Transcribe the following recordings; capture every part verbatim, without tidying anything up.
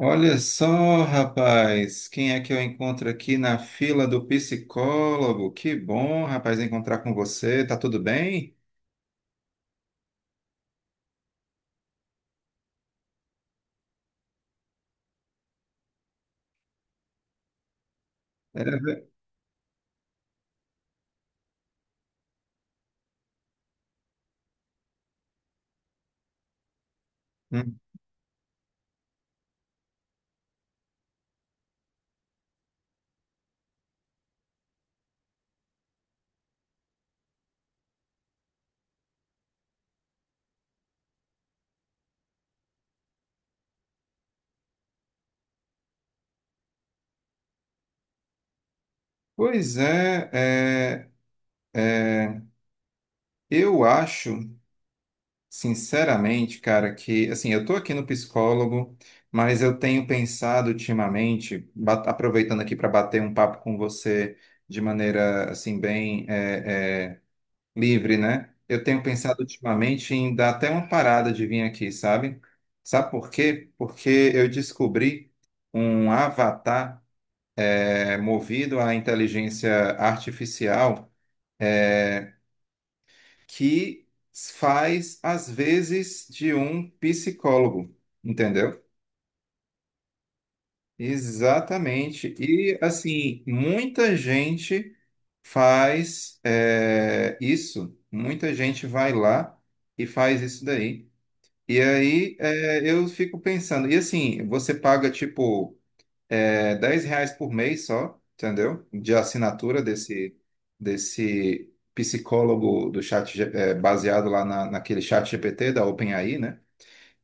Olha só, rapaz, quem é que eu encontro aqui na fila do psicólogo? Que bom, rapaz, encontrar com você. Tá tudo bem? Era ve- Hum. Pois é, é, eu acho, sinceramente, cara, que assim, eu tô aqui no psicólogo, mas eu tenho pensado ultimamente, ba- aproveitando aqui para bater um papo com você de maneira assim bem é, é, livre, né? Eu tenho pensado ultimamente em dar até uma parada de vir aqui, sabe? Sabe por quê? Porque eu descobri um avatar é, movido à inteligência artificial que faz, às vezes, de um psicólogo, entendeu? Exatamente. E, assim, muita gente faz é, isso. Muita gente vai lá e faz isso daí. E aí é, eu fico pensando, e assim, você paga tipo é, dez reais por mês só, entendeu? De assinatura desse, desse psicólogo do chat, G- é, baseado lá na, naquele chat G P T da OpenAI, né?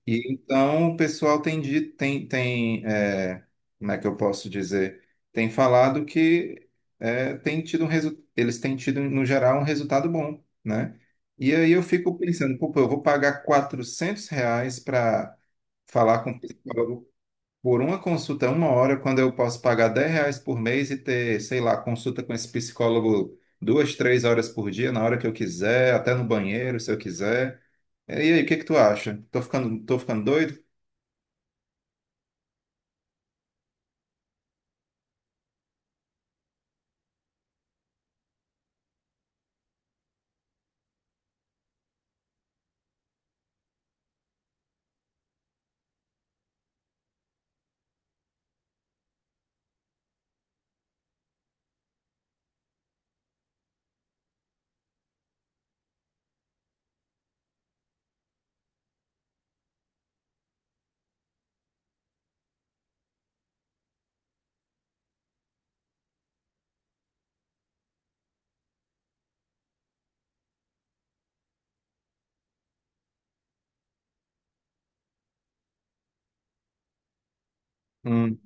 E então o pessoal tem, di- tem, tem é, como é que eu posso dizer? Tem falado que é, tem tido um resu- eles têm tido, no geral, um resultado bom, né? E aí eu fico pensando, pô, pô, eu vou pagar quatrocentos reais para falar com o psicólogo por uma consulta, uma hora, quando eu posso pagar dez reais por mês e ter, sei lá, consulta com esse psicólogo duas, três horas por dia, na hora que eu quiser, até no banheiro, se eu quiser. E aí, o que que tu acha? Tô ficando, tô ficando doido? Hum.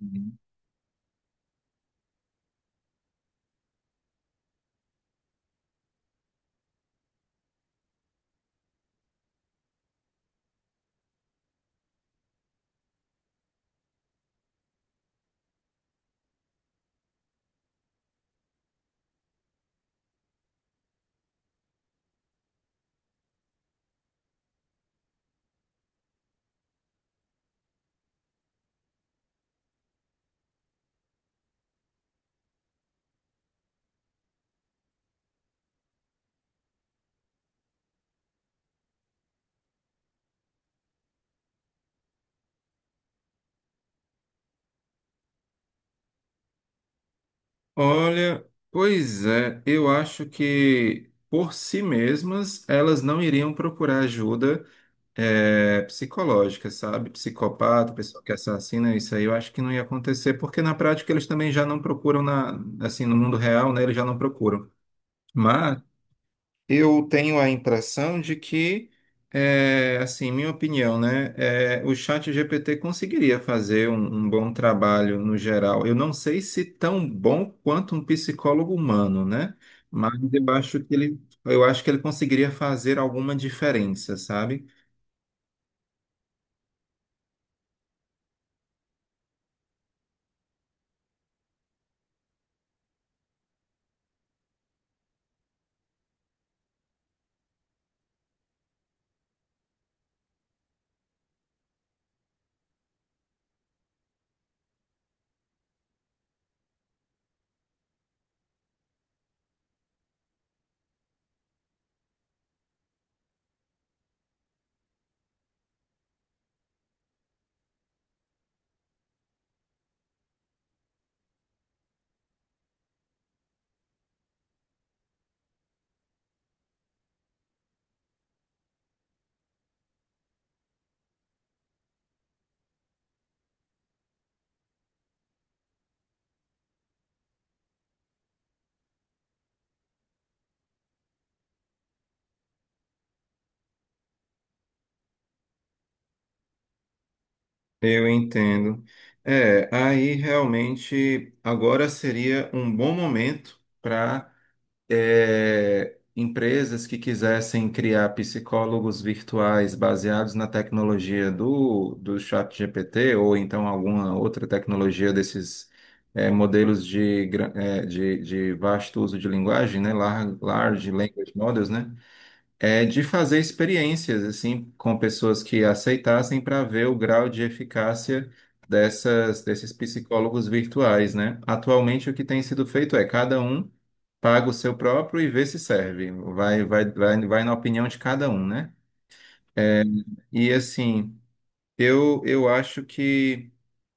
Olha, pois é, eu acho que por si mesmas elas não iriam procurar ajuda é, psicológica, sabe? Psicopata, pessoa que assassina, isso aí eu acho que não ia acontecer, porque na prática eles também já não procuram na, assim, no mundo real, né? Eles já não procuram. Mas eu tenho a impressão de que, é, assim, minha opinião, né? É, o chat G P T conseguiria fazer um, um bom trabalho no geral. Eu não sei se tão bom quanto um psicólogo humano, né? Mas eu acho que ele, eu acho que ele conseguiria fazer alguma diferença, sabe? Eu entendo. É, aí realmente agora seria um bom momento para é, empresas que quisessem criar psicólogos virtuais baseados na tecnologia do, do chat G P T ou então alguma outra tecnologia desses é, modelos de, gra- é, de, de vasto uso de linguagem, né? Lar- Large Language Models, né? É de fazer experiências assim com pessoas que aceitassem para ver o grau de eficácia dessas desses psicólogos virtuais, né? Atualmente o que tem sido feito é cada um paga o seu próprio e vê se serve. Vai vai vai, vai na opinião de cada um, né? E assim, eu eu acho que,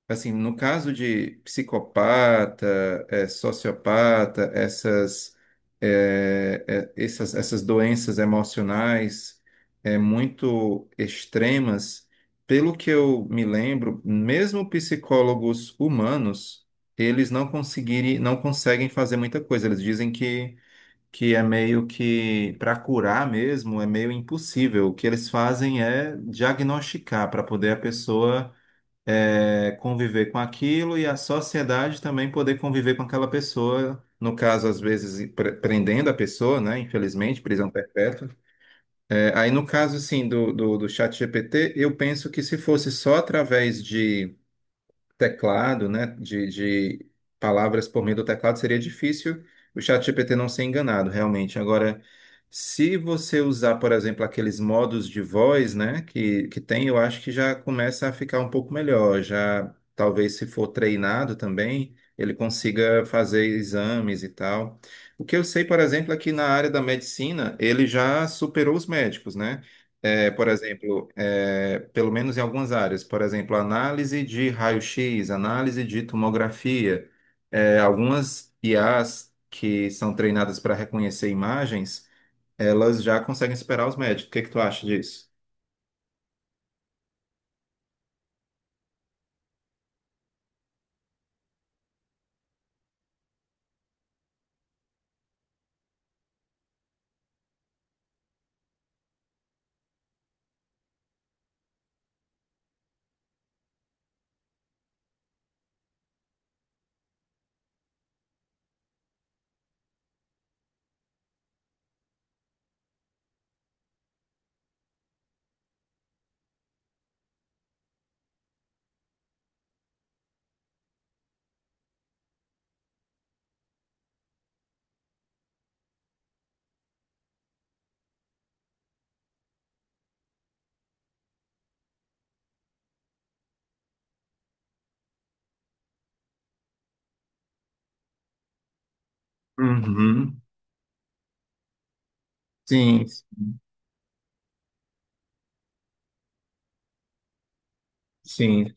assim, no caso de psicopata, eh, sociopata, essas, eh, eh, essas, essas doenças emocionais eh, muito extremas, pelo que eu me lembro, mesmo psicólogos humanos, eles não conseguirem, não conseguem fazer muita coisa. Eles dizem que, que é meio que, para curar mesmo, é meio impossível. O que eles fazem é diagnosticar para poder a pessoa é, conviver com aquilo e a sociedade também poder conviver com aquela pessoa, no caso, às vezes, pre- prendendo a pessoa, né? Infelizmente, prisão perpétua. É, aí, no caso, assim, do, do, do chat G P T, eu penso que se fosse só através de teclado, né, de, de palavras por meio do teclado, seria difícil o ChatGPT não ser enganado, realmente. Agora, se você usar, por exemplo, aqueles modos de voz, né, que, que tem, eu acho que já começa a ficar um pouco melhor. Já, talvez, se for treinado também, ele consiga fazer exames e tal. O que eu sei, por exemplo, é que na área da medicina, ele já superou os médicos, né? É, por exemplo, é, pelo menos em algumas áreas, por exemplo, análise de raio-x, análise de tomografia, é, algumas I As que são treinadas para reconhecer imagens, elas já conseguem superar os médicos. O que que tu acha disso? Uhum. Sim, sim.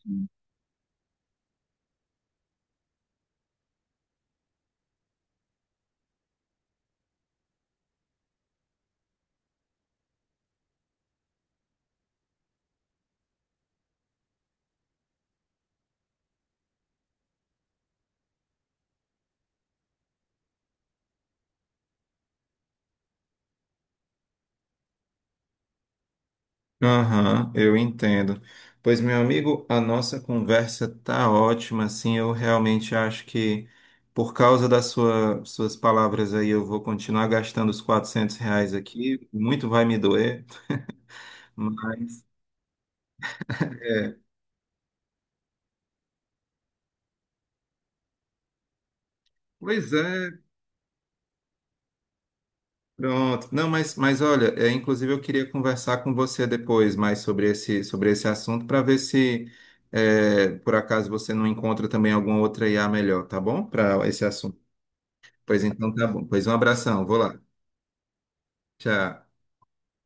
Aham, eu entendo. Pois, meu amigo, a nossa conversa tá ótima, assim, eu realmente acho que por causa das sua- suas palavras aí, eu vou continuar gastando os quatrocentos reais aqui, muito vai me doer, mas... Pois é, pronto. Não, mas, mas olha, é, inclusive eu queria conversar com você depois mais sobre esse, sobre esse assunto para ver se, é, por acaso, você não encontra também alguma outra I A melhor, tá bom? Para esse assunto. Pois então, tá bom. Pois um abração, vou lá. Tchau.